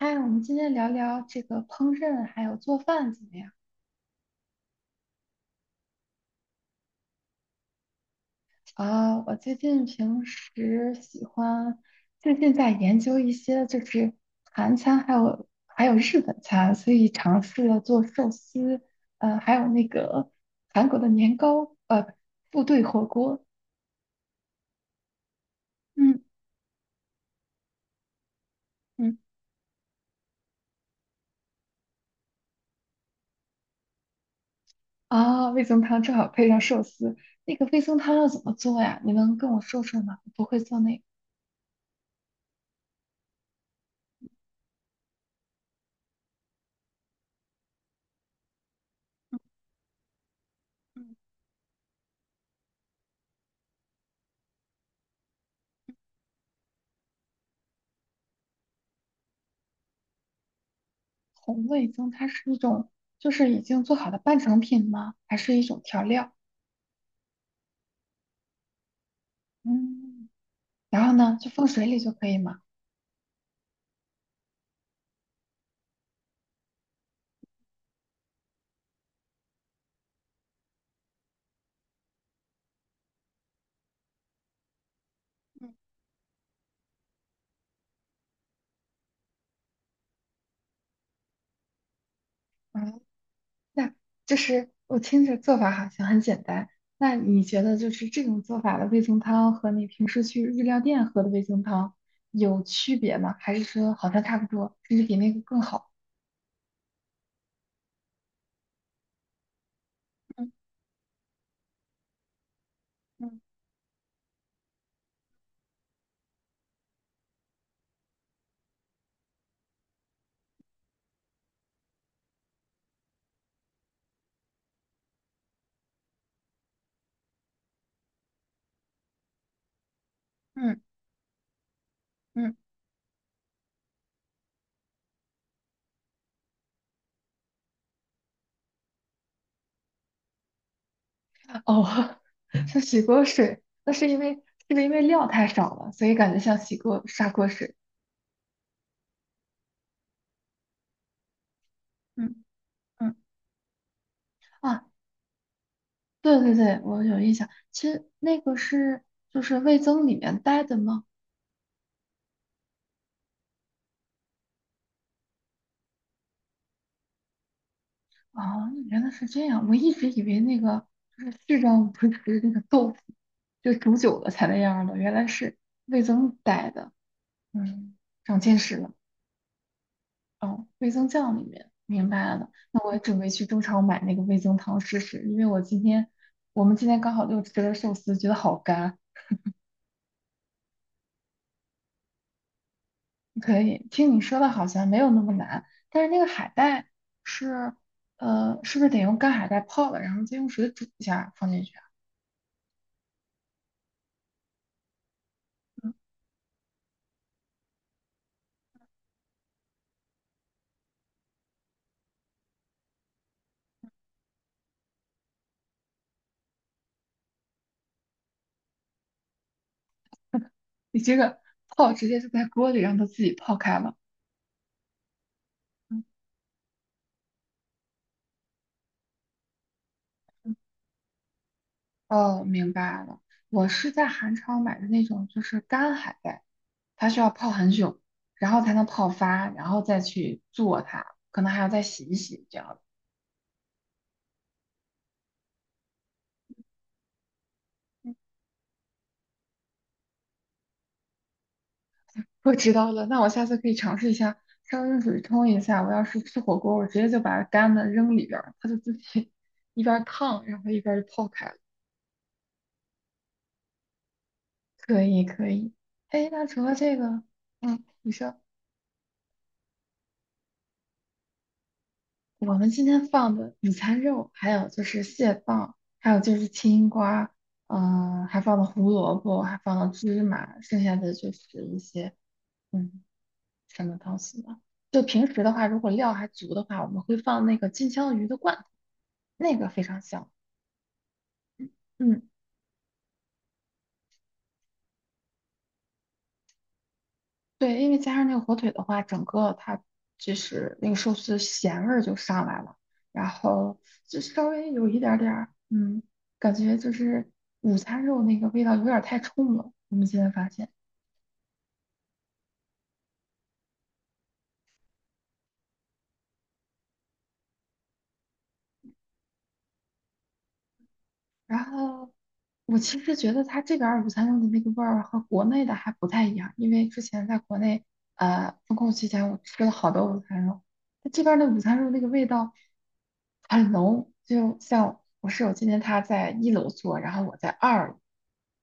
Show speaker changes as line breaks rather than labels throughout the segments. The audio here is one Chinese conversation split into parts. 嗨，我们今天聊聊这个烹饪还有做饭怎么样？啊，我最近平时喜欢，最近在研究一些就是韩餐，还有日本餐，所以尝试了做寿司，还有那个韩国的年糕，部队火锅。嗯嗯。啊，味增汤正好配上寿司。那个味增汤要怎么做呀？你能跟我说说吗？我不会做那个。红味增它是一种，就是已经做好的半成品吗？还是一种调料？嗯，然后呢，就放水里就可以吗？嗯。嗯。那就是我听着做法好像很简单。那你觉得就是这种做法的味增汤和你平时去日料店喝的味增汤有区别吗？还是说好像差不多，甚至比那个更好？嗯嗯。哦。像洗锅水，那是因为是不是因为料太少了，所以感觉像洗锅砂锅水？嗯嗯。啊。对对对，我有印象。其实那个是就是味增里面带的吗？啊，原来是这样。我一直以为那个就是序章不是那个豆腐，就煮久了才那样的，原来是味增带的。嗯，长见识了。哦，味增酱里面明白了。那我也准备去中超买那个味增汤试试，因为我们今天刚好就吃了寿司，觉得好干。可以，听你说的好像没有那么难，但是那个海带是，是不是得用干海带泡了，然后再用水煮一下放进去啊？你这个 泡直接就在锅里让它自己泡开了。嗯。哦，明白了。我是在韩超买的那种，就是干海带，它需要泡很久，然后才能泡发，然后再去做它，可能还要再洗一洗这样。我知道了，那我下次可以尝试一下，烧热水冲一下。我要是吃火锅，我直接就把干的扔里边儿，它就自己 一边儿烫，然后一边儿就泡开了。可以，可以。哎，那除了这个，嗯，你说。我们今天放的午餐肉，还有就是蟹棒，还有就是青瓜，还放了胡萝卜，还放了芝麻，剩下的就是一些嗯什么东西呢？就平时的话，如果料还足的话，我们会放那个金枪鱼的罐头，那个非常香。嗯，对，因为加上那个火腿的话，整个它就是那个寿司咸味儿就上来了，然后就稍微有一点儿，感觉就是午餐肉那个味道有点儿太冲了，我们现在发现。然后我其实觉得它这边儿午餐肉的那个味儿和国内的还不太一样，因为之前在国内封控期间，我吃了好多午餐肉，它这边儿的午餐肉那个味道很浓，就像我室友今天他在一楼做，然后我在二楼，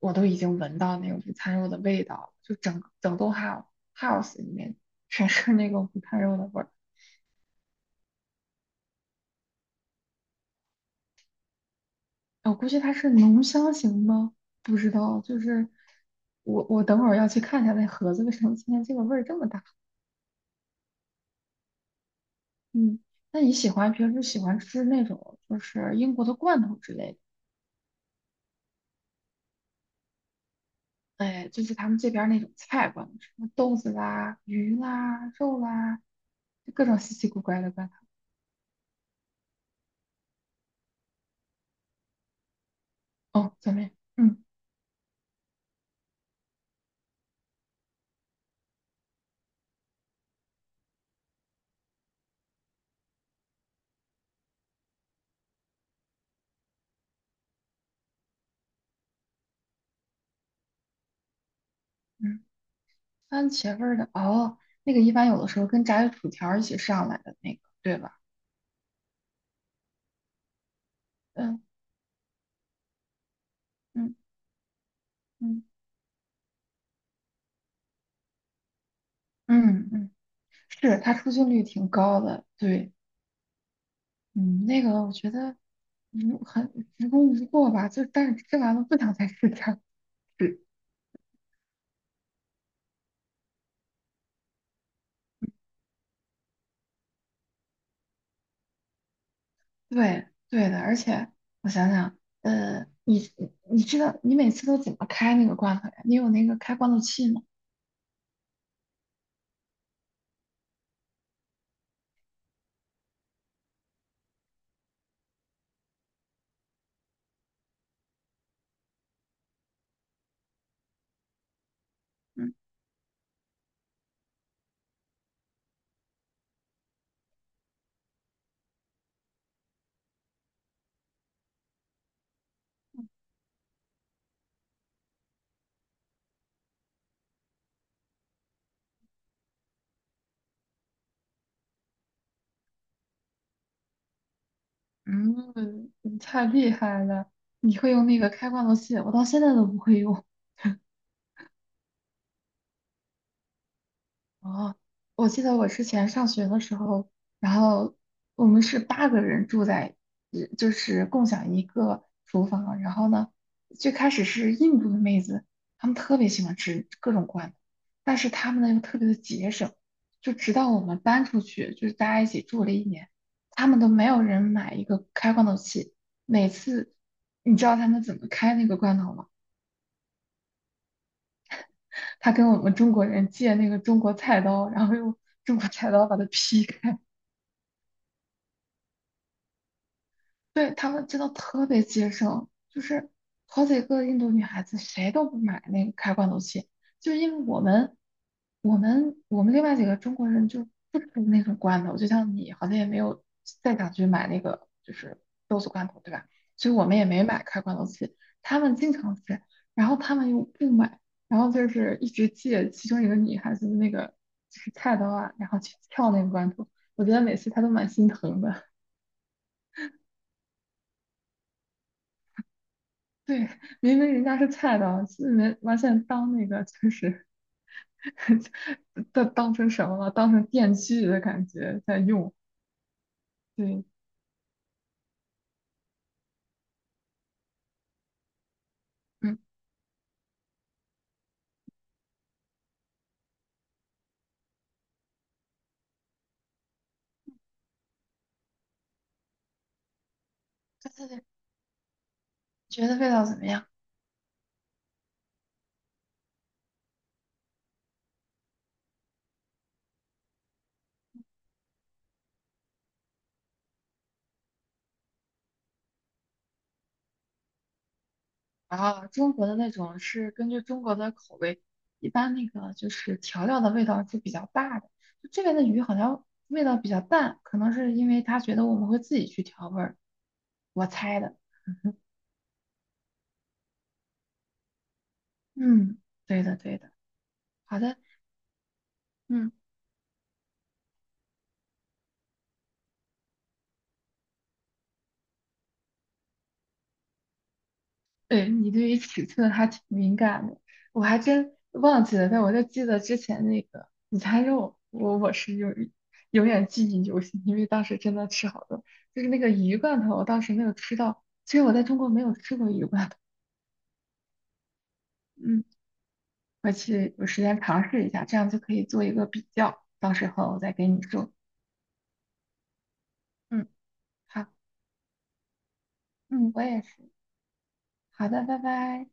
我都已经闻到那个午餐肉的味道了，就整整栋 house 里面全是那个午餐肉的味儿。我估计它是浓香型吗？不知道，就是我等会儿要去看一下那盒子为什么今天这个味儿这么大。嗯，那你平时喜欢吃那种就是英国的罐头之类的？哎，就是他们这边儿那种菜罐头，什么豆子啦、鱼啦、肉啦，就各种稀奇古怪的罐头。哦，前面。嗯嗯。番茄味儿的哦，那个一般有的时候跟炸的薯条儿一起上来的那个，对吧？嗯嗯。嗯嗯嗯。是，它出镜率挺高的，对，嗯，那个我觉得无很无功无过吧，就但是吃完了不想再吃第二次。对对的，而且我想想，呃，你你知道你每次都怎么开那个罐头呀？你有那个开罐头器吗？嗯嗯。你太厉害了，你会用那个开罐头器，我到现在都不会用。哦，我记得我之前上学的时候，然后我们是八个人住在，就是共享一个厨房。然后呢，最开始是印度的妹子，她们特别喜欢吃各种罐头，但是她们呢又特别的节省，就直到我们搬出去，就是大家一起住了一年，他们都没有人买一个开罐头器。每次，你知道他们怎么开那个罐头吗？他跟我们中国人借那个中国菜刀，然后用中国菜刀把它劈开。对，他们真的特别节省，就是好几个印度女孩子谁都不买那个开罐头器，就是因为我们另外几个中国人就不吃那种罐头，就像你好像也没有再想去买那个就是豆子罐头，对吧？所以我们也没买开罐头器，他们经常吃，然后他们又不买，然后就是一直借其中一个女孩子的那个就是菜刀啊，然后去撬那个罐头，我觉得每次她都蛮心疼的。对，明明人家是菜刀，人完全当那个就是 当成什么了？当成电锯的感觉在用。对。嗯，对对对，觉得味道怎么样？啊，中国的那种是根据中国的口味，一般那个就是调料的味道是比较大的。就这边的鱼好像味道比较淡，可能是因为他觉得我们会自己去调味儿，我猜的。嗯，对的对的，好的，嗯。对，你对于尺寸还挺敏感的，我还真忘记了，但我就记得之前那个午餐肉，我是有永远记忆犹新，因为当时真的吃好多，就是那个鱼罐头，我当时没有吃到，其实我在中国没有吃过鱼罐头。嗯，回去有时间尝试一下，这样就可以做一个比较，到时候我再给你说。嗯，好。嗯，我也是。好的，拜拜。